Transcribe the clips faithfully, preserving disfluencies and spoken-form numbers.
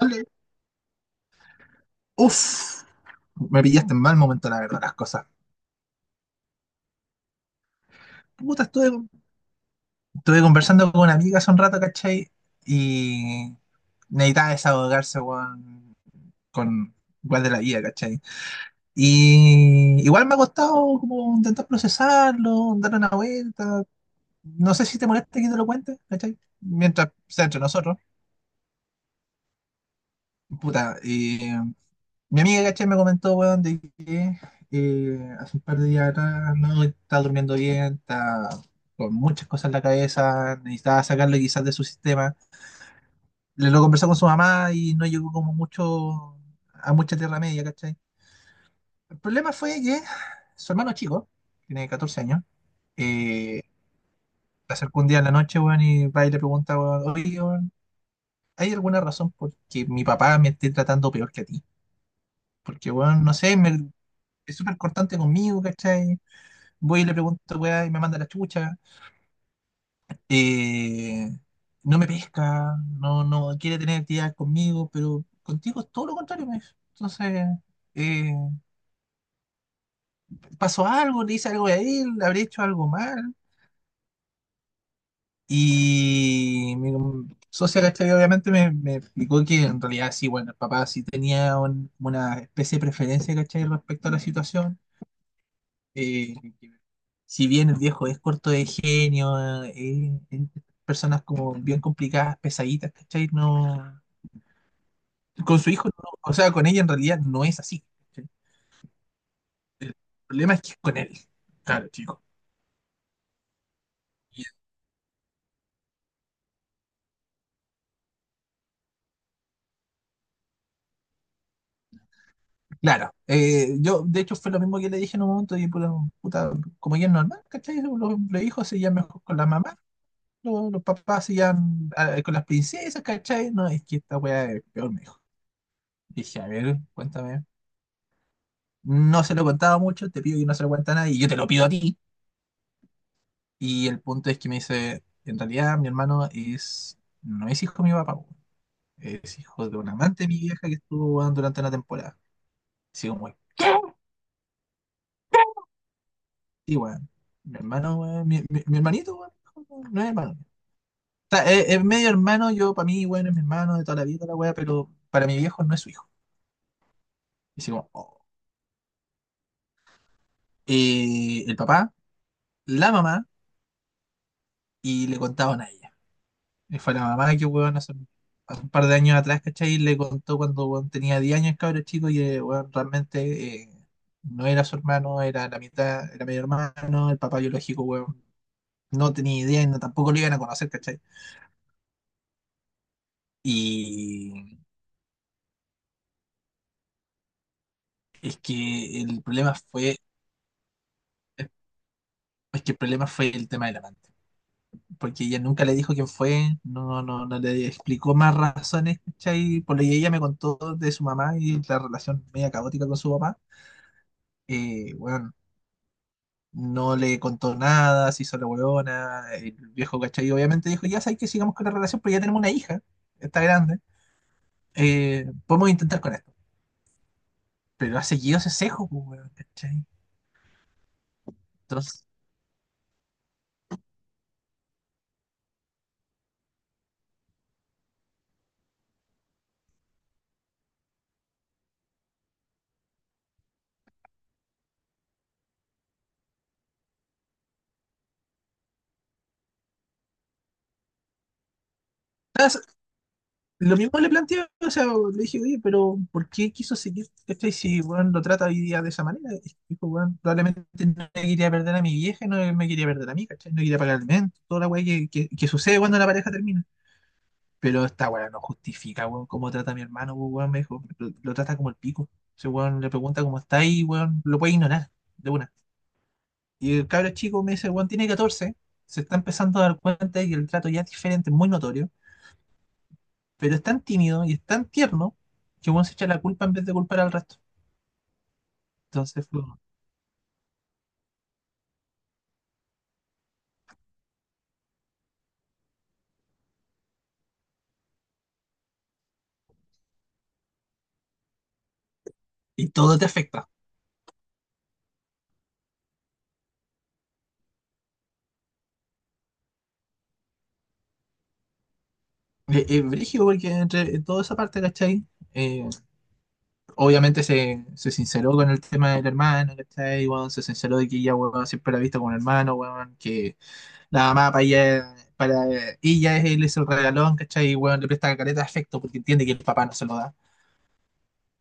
Dale. Uf, Me pillaste en mal momento, la verdad, las cosas. Puta, estuve, estuve conversando con una amiga hace un rato, ¿cachai? Y necesitaba desahogarse, weón, con igual de la vida, ¿cachai? Y igual me ha costado como intentar procesarlo, dar una vuelta. No sé si te molesta que te lo cuente, ¿cachai? Mientras sea entre nosotros. Puta, y mi amiga, caché, me comentó, weón, de que eh, hace un par de días atrás no está durmiendo bien, está con muchas cosas en la cabeza, necesitaba sacarlo quizás de su sistema. Le lo conversó con su mamá y no llegó como mucho a mucha tierra media, ¿cachai? El problema fue que su hermano chico tiene catorce años. eh, Se acercó un día en la noche, weón, y va y le pregunta, weón, oye, weón, ¿hay alguna razón por que mi papá me esté tratando peor que a ti? Porque, weón, no sé, me, es súper cortante conmigo, ¿cachai? Voy y le pregunto, weá, y me manda la chucha. Eh, no me pesca, no, no quiere tener actividad conmigo, pero contigo es todo lo contrario, me dice. Entonces, eh, pasó algo, le hice algo a él, le habré hecho algo mal. Y mi socia, ¿cachai? Obviamente me, me explicó que en realidad sí, bueno, el papá sí tenía un- una especie de preferencia, ¿cachai? Respecto a la situación eh, si bien el viejo es corto de genio, eh, eh, eh, personas como bien complicadas, pesaditas, ¿cachai? No, con su hijo, no, o sea, con ella en realidad no es así. ¿Cachai? El problema es que es con él, claro, chico. Y claro, eh, yo de hecho fue lo mismo que le dije en un momento, y puta, puta, como ella es normal, ¿cachai? Los, los hijos se llevan mejor con la mamá, los, los papás se llevan ah, con las princesas, ¿cachai? No, es que esta weá es peor, me dijo. Dije, a ver, cuéntame. No se lo contaba mucho, te pido que no se lo cuente a nadie, y yo te lo pido a ti. Y el punto es que me dice, en realidad mi hermano es, no es hijo de mi papá, weón. Es hijo de un amante de mi vieja que estuvo weón, durante una temporada. Así como, weón, sí, weón, mi hermano, weón, mi, mi- mi hermanito, weón, no es hermano. O sea, es, es medio hermano, yo para mí, bueno, es mi hermano de toda la vida, toda la weá, pero para mi viejo no es su hijo. Y así como, oh. Eh, el papá, la mamá, y le contaban a ella. Y fue la mamá que, weón, hace, hace un par de años atrás, ¿cachai? Y le contó cuando weón, tenía diez años, cabrón chico, y eh, weón, realmente eh, no era su hermano, era la mitad, era medio hermano, el papá biológico, weón. No tenía idea y no, tampoco lo iban a conocer, ¿cachai? Y es que el problema fue, es que el problema fue el tema del amante. Porque ella nunca le dijo quién fue, no, no, no le explicó más razones, ¿cachai? Por lo que ella me contó de su mamá y la relación media caótica con su papá. Eh, weón, no le contó nada, se hizo la huevona, el viejo cachai obviamente dijo, ya sabes que sigamos con la relación, pero ya tenemos una hija, está grande, eh, podemos intentar con esto. Pero ha seguido ese cejo, pues, weón, ¿cachai? Entonces, ¿sabes? Lo mismo le planteé, o sea, le dije, oye, pero ¿por qué quiso seguir, ¿cachai? Si, weón, lo trata hoy día de esa manera. Y dijo, weón, probablemente no le quería perder a mi vieja, no me quería perder a mí, ¿cachai? No quería pagar el alimento, toda la weá que, que, que sucede cuando la pareja termina. Pero esta weá no justifica, weón, cómo trata a mi hermano, pues, weón, me dijo. Lo, lo trata como el pico. Ese weón le pregunta cómo está y, weón, lo puede ignorar, de una. Y el cabro chico me dice, weón, tiene catorce. Se está empezando a dar cuenta de que el trato ya es diferente, muy notorio. Pero es tan tímido y es tan tierno que, weón, se echa la culpa en vez de culpar al resto. Entonces, fue como- y todo te afecta. Es brígido porque entre toda esa parte, ¿cachai? Eh, Obviamente se, se sinceró con el tema del hermano, ¿cachai? Weón, se sinceró de que ella, weón, siempre la ha visto como un hermano, weón, que la mamá para ella, para ella es, él es el regalón, ¿cachai? Y, weón, le presta careta de afecto porque entiende que el papá no se lo da.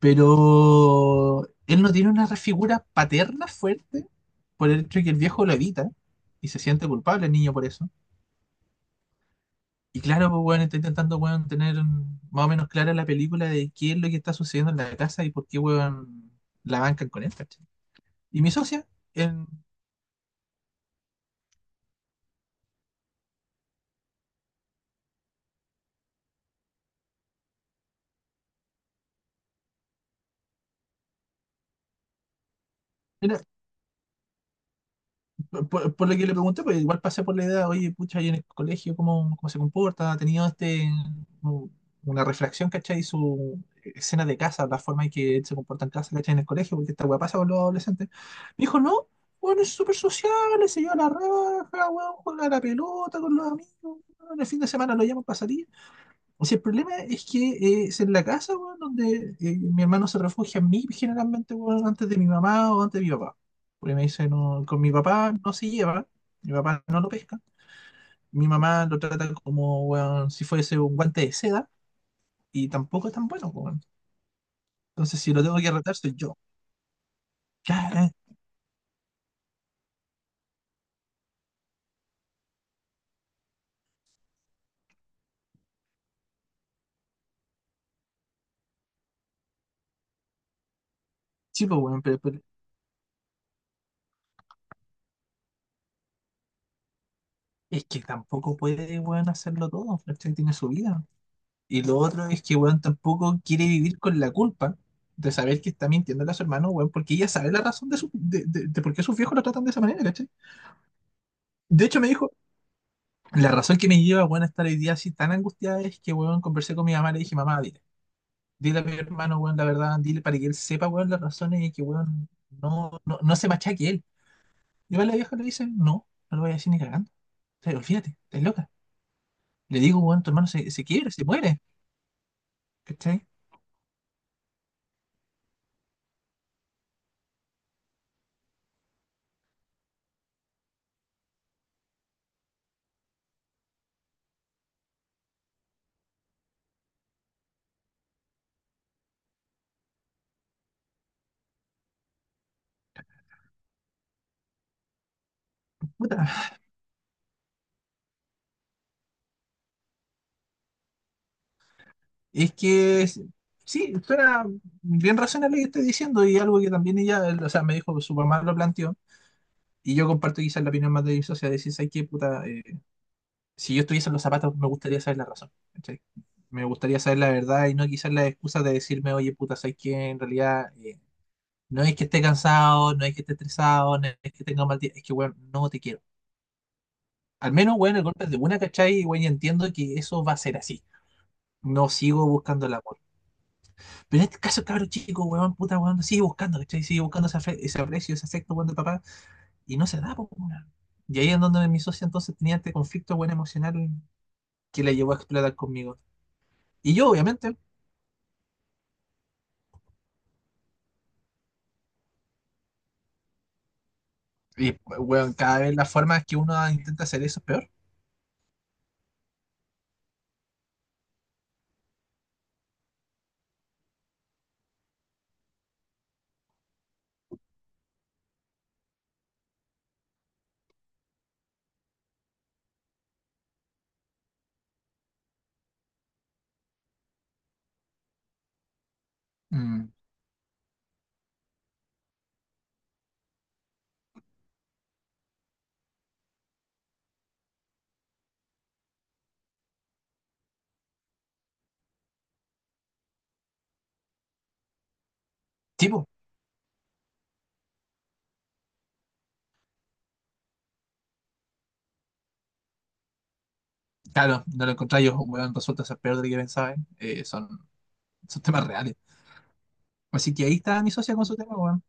Pero él no tiene una figura paterna fuerte por el hecho de que el viejo lo evita y se siente culpable el niño por eso. Y claro, pues bueno, está intentando weón, tener más o menos clara la película de qué es lo que está sucediendo en la casa y por qué weón, la bancan con esto. Y mi socia, en- era- por, por- por lo que le pregunté, pues igual pasé por la idea, oye, pucha, ahí en el colegio, ¿cómo, cómo se comporta? ¿Ha tenido este, u- una reflexión, ¿cachai? Su escena de casa, la forma en que él se comporta en casa, ¿cachai? En el colegio, porque esta weá pasa con los adolescentes. Me dijo, no, bueno, es súper social, se lleva la raja, weón, juega a la pelota con los amigos, weón, el fin de semana lo llaman para salir. O sea, el problema es que eh, es en la casa, weón, donde eh, mi hermano se refugia en mí generalmente, weón, antes de mi mamá o antes de mi papá. Porque me dice, no, con mi papá no se lleva, mi papá no lo pesca, mi mamá lo trata como, weón, si fuese un guante de seda, y tampoco es tan bueno, weón. Entonces, si lo tengo que retar, soy yo. Ya, eh, sí, pues, weón, pero, pero es que tampoco puede, weón, hacerlo todo, ¿cachai? Tiene su vida. Y lo otro es que, weón, tampoco quiere vivir con la culpa de saber que está mintiendo a su hermano, weón, porque ella sabe la razón de, su, de, de- de por qué sus viejos lo tratan de esa manera, ¿cachai? De hecho, me dijo, la razón que me lleva, weón, a estar hoy día así tan angustiada es que, weón, conversé con mi mamá, le dije, mamá, dile, dile a mi hermano, weón, la verdad, dile para que él sepa, weón, las razones y que, weón, no, no, no se machaque él. Y va la vieja le dice, no, no lo voy a decir ni cagando. O sea, olvídate, estás loca. Le digo, weón, tu hermano se, se quiebra, se muere, ¿cachai? Puta, Es que es- sí, suena bien razonable lo que estás diciendo y algo que también ella, o sea, me dijo, su mamá lo planteó y yo comparto quizás la opinión más de mi socia, de decir, ¿sabes qué, puta? Eh, si yo estuviese en los zapatos me gustaría saber la razón, ¿cachai? Me gustaría saber la verdad y no quizás la excusa de decirme, oye, puta, ¿sabes qué? En realidad eh, no es que esté cansado, no es que esté estresado, no es que tenga un mal día, es que, weón, no te quiero. Al menos, weón, el golpe es de una, ¿cachai? Y, weón, ya entiendo que eso va a ser así. No sigo buscando la. Pero en este caso, cabrón chico, weón, puta, weón, sigue buscando, ¿cachai? Sigue buscando ese, afe- ese aprecio, ese afecto, weón, de papá, y no se da, pues, weón. Y ahí es donde mi socia entonces tenía este conflicto, weón, emocional que la llevó a explotar conmigo. Y yo, obviamente, y, weón, cada vez las formas que uno intenta hacer eso es peor. Mm, tipo, claro, no lo encontré yo, weón, resulta ser peor de lo que pensaba, ¿eh? Eh, son, son temas reales. Así que ahí está mi socia con su tema, weón,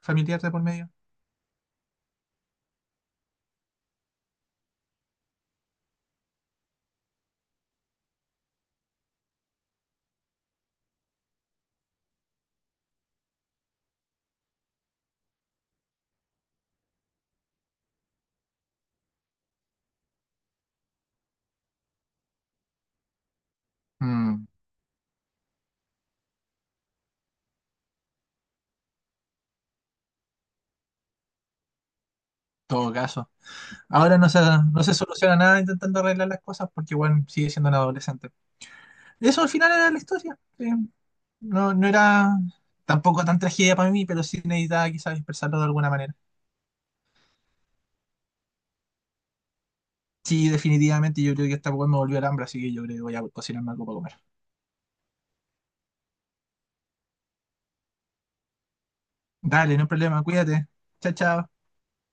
familiar de por medio. Mm, todo caso. Ahora no se, no se soluciona nada intentando arreglar las cosas porque igual sigue siendo un adolescente. Eso al final era la historia. eh, no, no era tampoco tan tragedia para mí, pero sí necesitaba quizás expresarlo de alguna manera. Sí, definitivamente yo creo que esta weá me volvió al hambre, así que yo creo que voy a cocinar algo para comer. Dale, no hay problema, cuídate. Chao, chao.